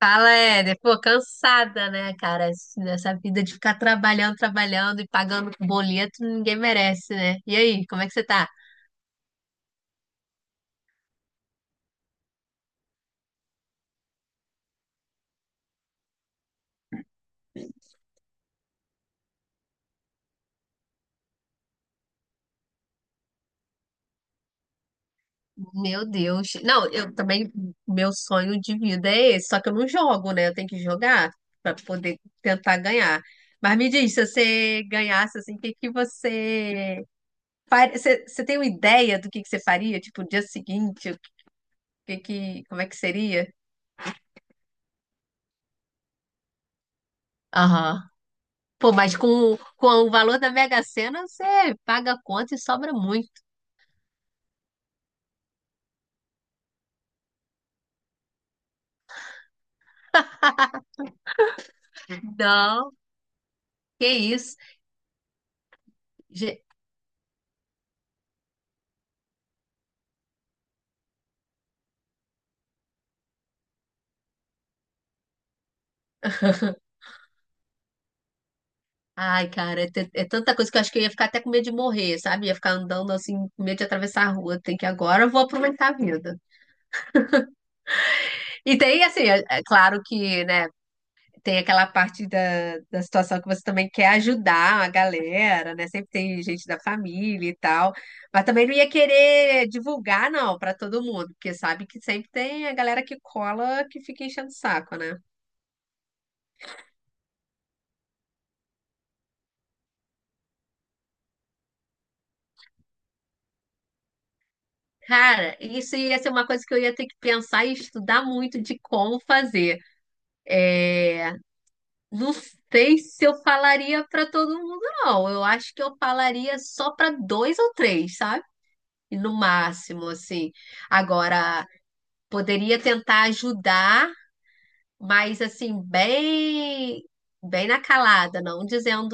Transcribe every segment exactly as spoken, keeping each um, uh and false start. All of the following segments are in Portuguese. Fala, Éder. Pô, cansada, né, cara? Assim, Dessa vida de ficar trabalhando, trabalhando e pagando boleto, ninguém merece, né? E aí, como é que você tá? Meu Deus. Não, eu também, meu sonho de vida é esse, só que eu não jogo, né? Eu tenho que jogar pra poder tentar ganhar. Mas me diz, se você ganhasse, assim, o que que você... fa- Você, você tem uma ideia do que que você faria? Tipo, o dia seguinte, o que que. Como é que seria? Aham. Pô, mas com, com o valor da Mega Sena, você paga a conta e sobra muito. Não, que isso. Ge- Ai, cara, é, t- é tanta coisa que eu acho que eu ia ficar até com medo de morrer, sabe? Ia ficar andando assim, com medo de atravessar a rua. Tem que agora, eu vou aproveitar a vida. E tem, assim, é, é claro que, né? Tem aquela parte da, da situação que você também quer ajudar a galera, né? Sempre tem gente da família e tal, mas também não ia querer divulgar, não, para todo mundo, porque sabe que sempre tem a galera que cola que fica enchendo o saco, né? Cara, isso ia ser uma coisa que eu ia ter que pensar e estudar muito de como fazer. Não sei se eu falaria para todo mundo, não. Eu acho que eu falaria só para dois ou três, sabe? E No máximo, assim. Agora. Poderia tentar ajudar, mas assim, bem, bem na calada, não dizendo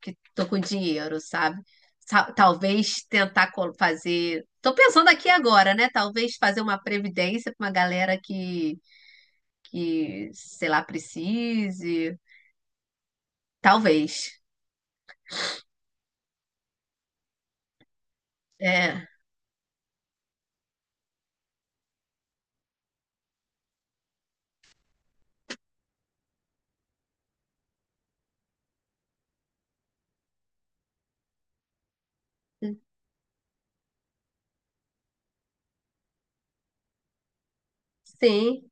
que tô com dinheiro, sabe? Sa- Talvez tentar col- fazer. Tô pensando aqui agora, né? Talvez fazer uma previdência para uma galera que, que, sei lá, precise. Talvez. É. Sim.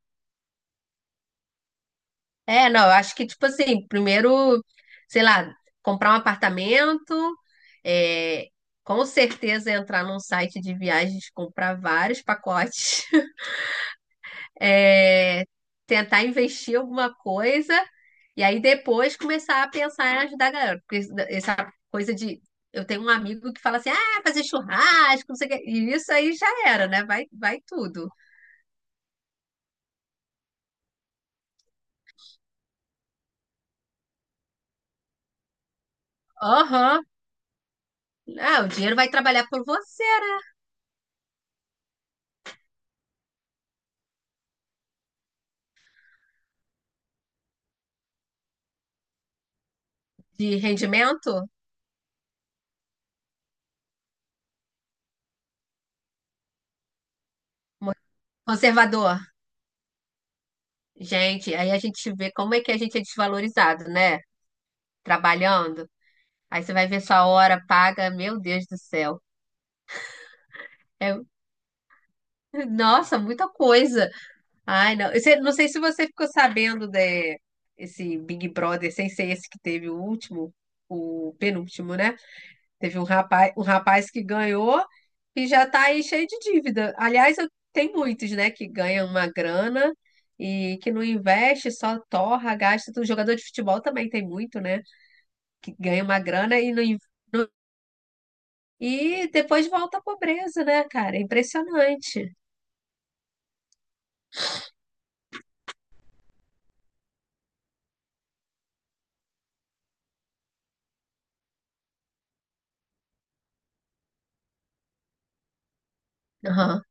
É, não, eu acho que, tipo assim, primeiro, sei lá, comprar um apartamento, é, com certeza entrar num site de viagens, comprar vários pacotes, é, tentar investir alguma coisa, e aí depois começar a pensar em ajudar a galera. Porque isso- essa coisa de. Eu tenho um amigo que fala assim, ah, fazer churrasco, não sei o quê. E isso aí já era, né? Vai, vai tudo. Aham. Ah, o dinheiro vai trabalhar por você, né? De rendimento. Conservador. Gente, aí a gente vê como é que a gente é desvalorizado, né? Trabalhando. Aí você vai ver sua hora paga, meu Deus do céu. É, nossa, muita coisa. Ai, não. Você- não sei se você ficou sabendo desse Big Brother, sem ser esse que teve o último, o penúltimo, né? Teve um rapaz, um rapaz que ganhou e já está aí cheio de dívida. Aliás, eu- tem muitos, né, que ganham uma grana e que não investe, só torra, gasta. O jogador de futebol também tem muito, né, que ganha uma grana e não, in- não- e depois volta à pobreza, né, cara? É impressionante. Aham.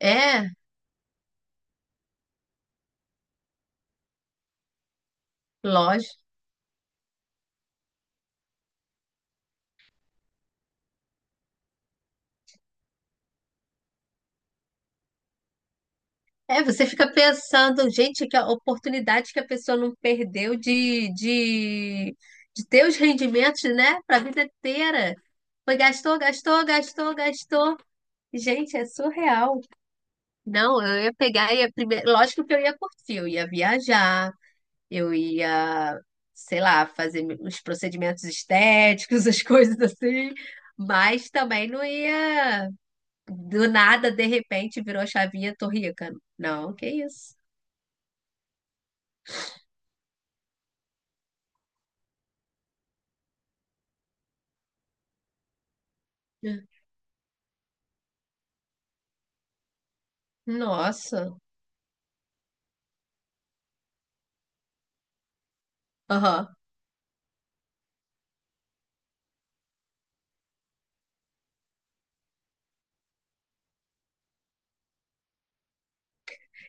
É, lógico. É, você fica pensando, gente, que a oportunidade que a pessoa não perdeu de, de, de ter os rendimentos, né, para a vida inteira. Foi, gastou, gastou, gastou, gastou. Gente, é surreal. Não, eu ia pegar, ia primeiro, lógico que eu ia curtir, eu ia viajar, eu ia, sei lá, fazer os procedimentos estéticos, as coisas assim, mas também não ia do nada, de repente, virou a chavinha, tô rica. Não, que isso. Nossa, aham.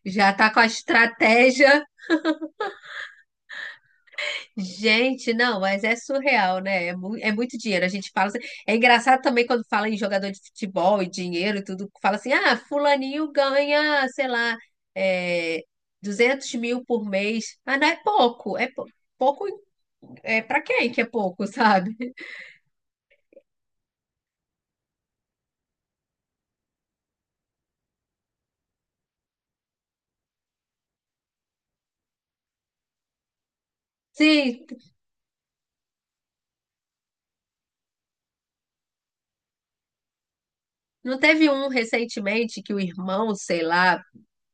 Já tá com a estratégia. Gente, não, mas é surreal, né? É, mu- é muito dinheiro. A gente fala assim. É engraçado também quando fala em jogador de futebol e dinheiro e tudo, fala assim: ah, fulaninho ganha, sei lá, é, duzentos mil por mês. Mas não é pouco. É pou- pouco. É pra quem que é pouco, sabe? Sim, não teve um recentemente que o irmão, sei lá,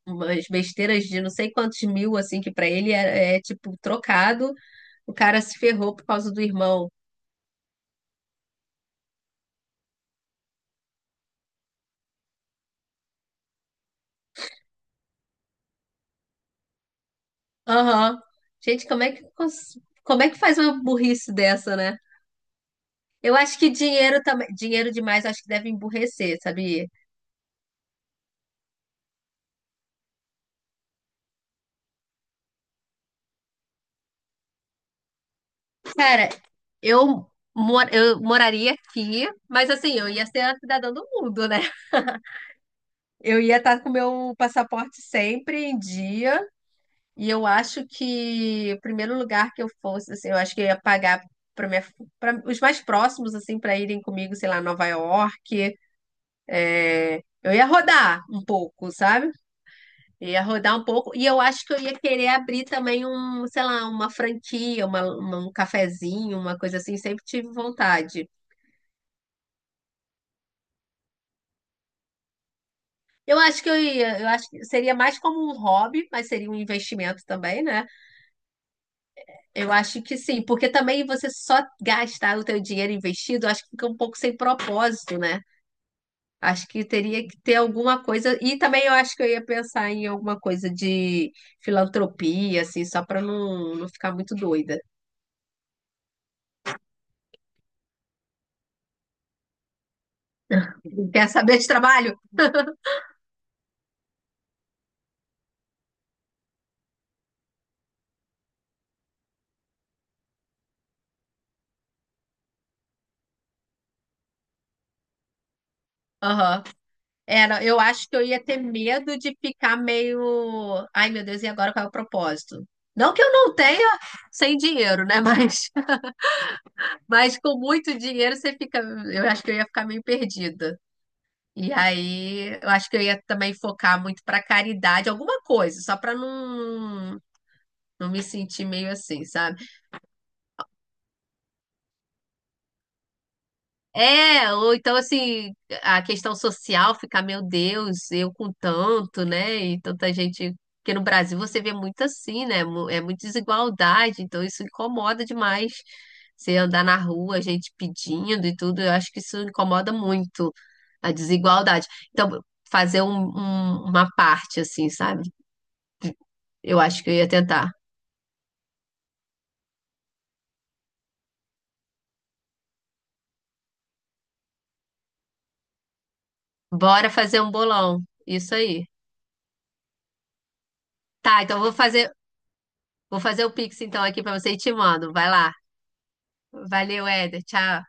umas besteiras de não sei quantos mil, assim, que pra ele é, é, tipo trocado. O cara se ferrou por causa do irmão. Aham. Gente, como é que cons- como é que faz uma burrice dessa, né? Eu acho que dinheiro também, dinheiro demais, eu acho que deve emburrecer, sabia? Cara, eu mor- eu moraria aqui, mas assim, eu ia ser a cidadã do mundo, né? Eu ia estar com meu passaporte sempre em dia, e eu acho que o primeiro lugar que eu fosse, assim, eu acho que eu ia pagar para minha para os mais próximos assim para irem comigo, sei lá, Nova York. É, eu ia rodar um pouco, sabe? Ia rodar um pouco. E eu acho que eu ia querer abrir também um, sei lá, uma franquia, uma, uma- um cafezinho, uma coisa assim. Sempre tive vontade. Eu acho que eu ia, eu acho que seria mais como um hobby, mas seria um investimento também, né? Eu acho que sim, porque também você só gastar o teu dinheiro investido, eu acho que fica um pouco sem propósito, né? Acho que teria que ter alguma coisa. E também eu acho que eu ia pensar em alguma coisa de filantropia, assim, só para não, não ficar muito doida. Quer saber de trabalho? Aham. Era, eu acho que eu ia ter medo de ficar meio. Ai, meu Deus, e agora qual é o propósito? Não que eu não tenha sem dinheiro, né? Mas, mas com muito dinheiro você fica. Eu acho que eu ia ficar meio perdida. E aí, eu acho que eu ia também focar muito para caridade, alguma coisa, só para não. Não me senti meio assim, sabe? É, ou então assim, a questão social ficar, meu Deus, eu com tanto, né? E tanta gente. Porque no Brasil você vê muito assim, né? Mu- É muita desigualdade, então isso incomoda demais. Você andar na rua, gente pedindo e tudo, eu acho que isso incomoda muito a desigualdade. Então, fazer um- um- uma parte assim, sabe? Eu acho que eu ia tentar. Bora fazer um bolão. Isso aí. Tá, então eu vou fazer. Vou fazer o Pix então aqui pra você e te mando. Vai lá. Valeu, Éder. Tchau.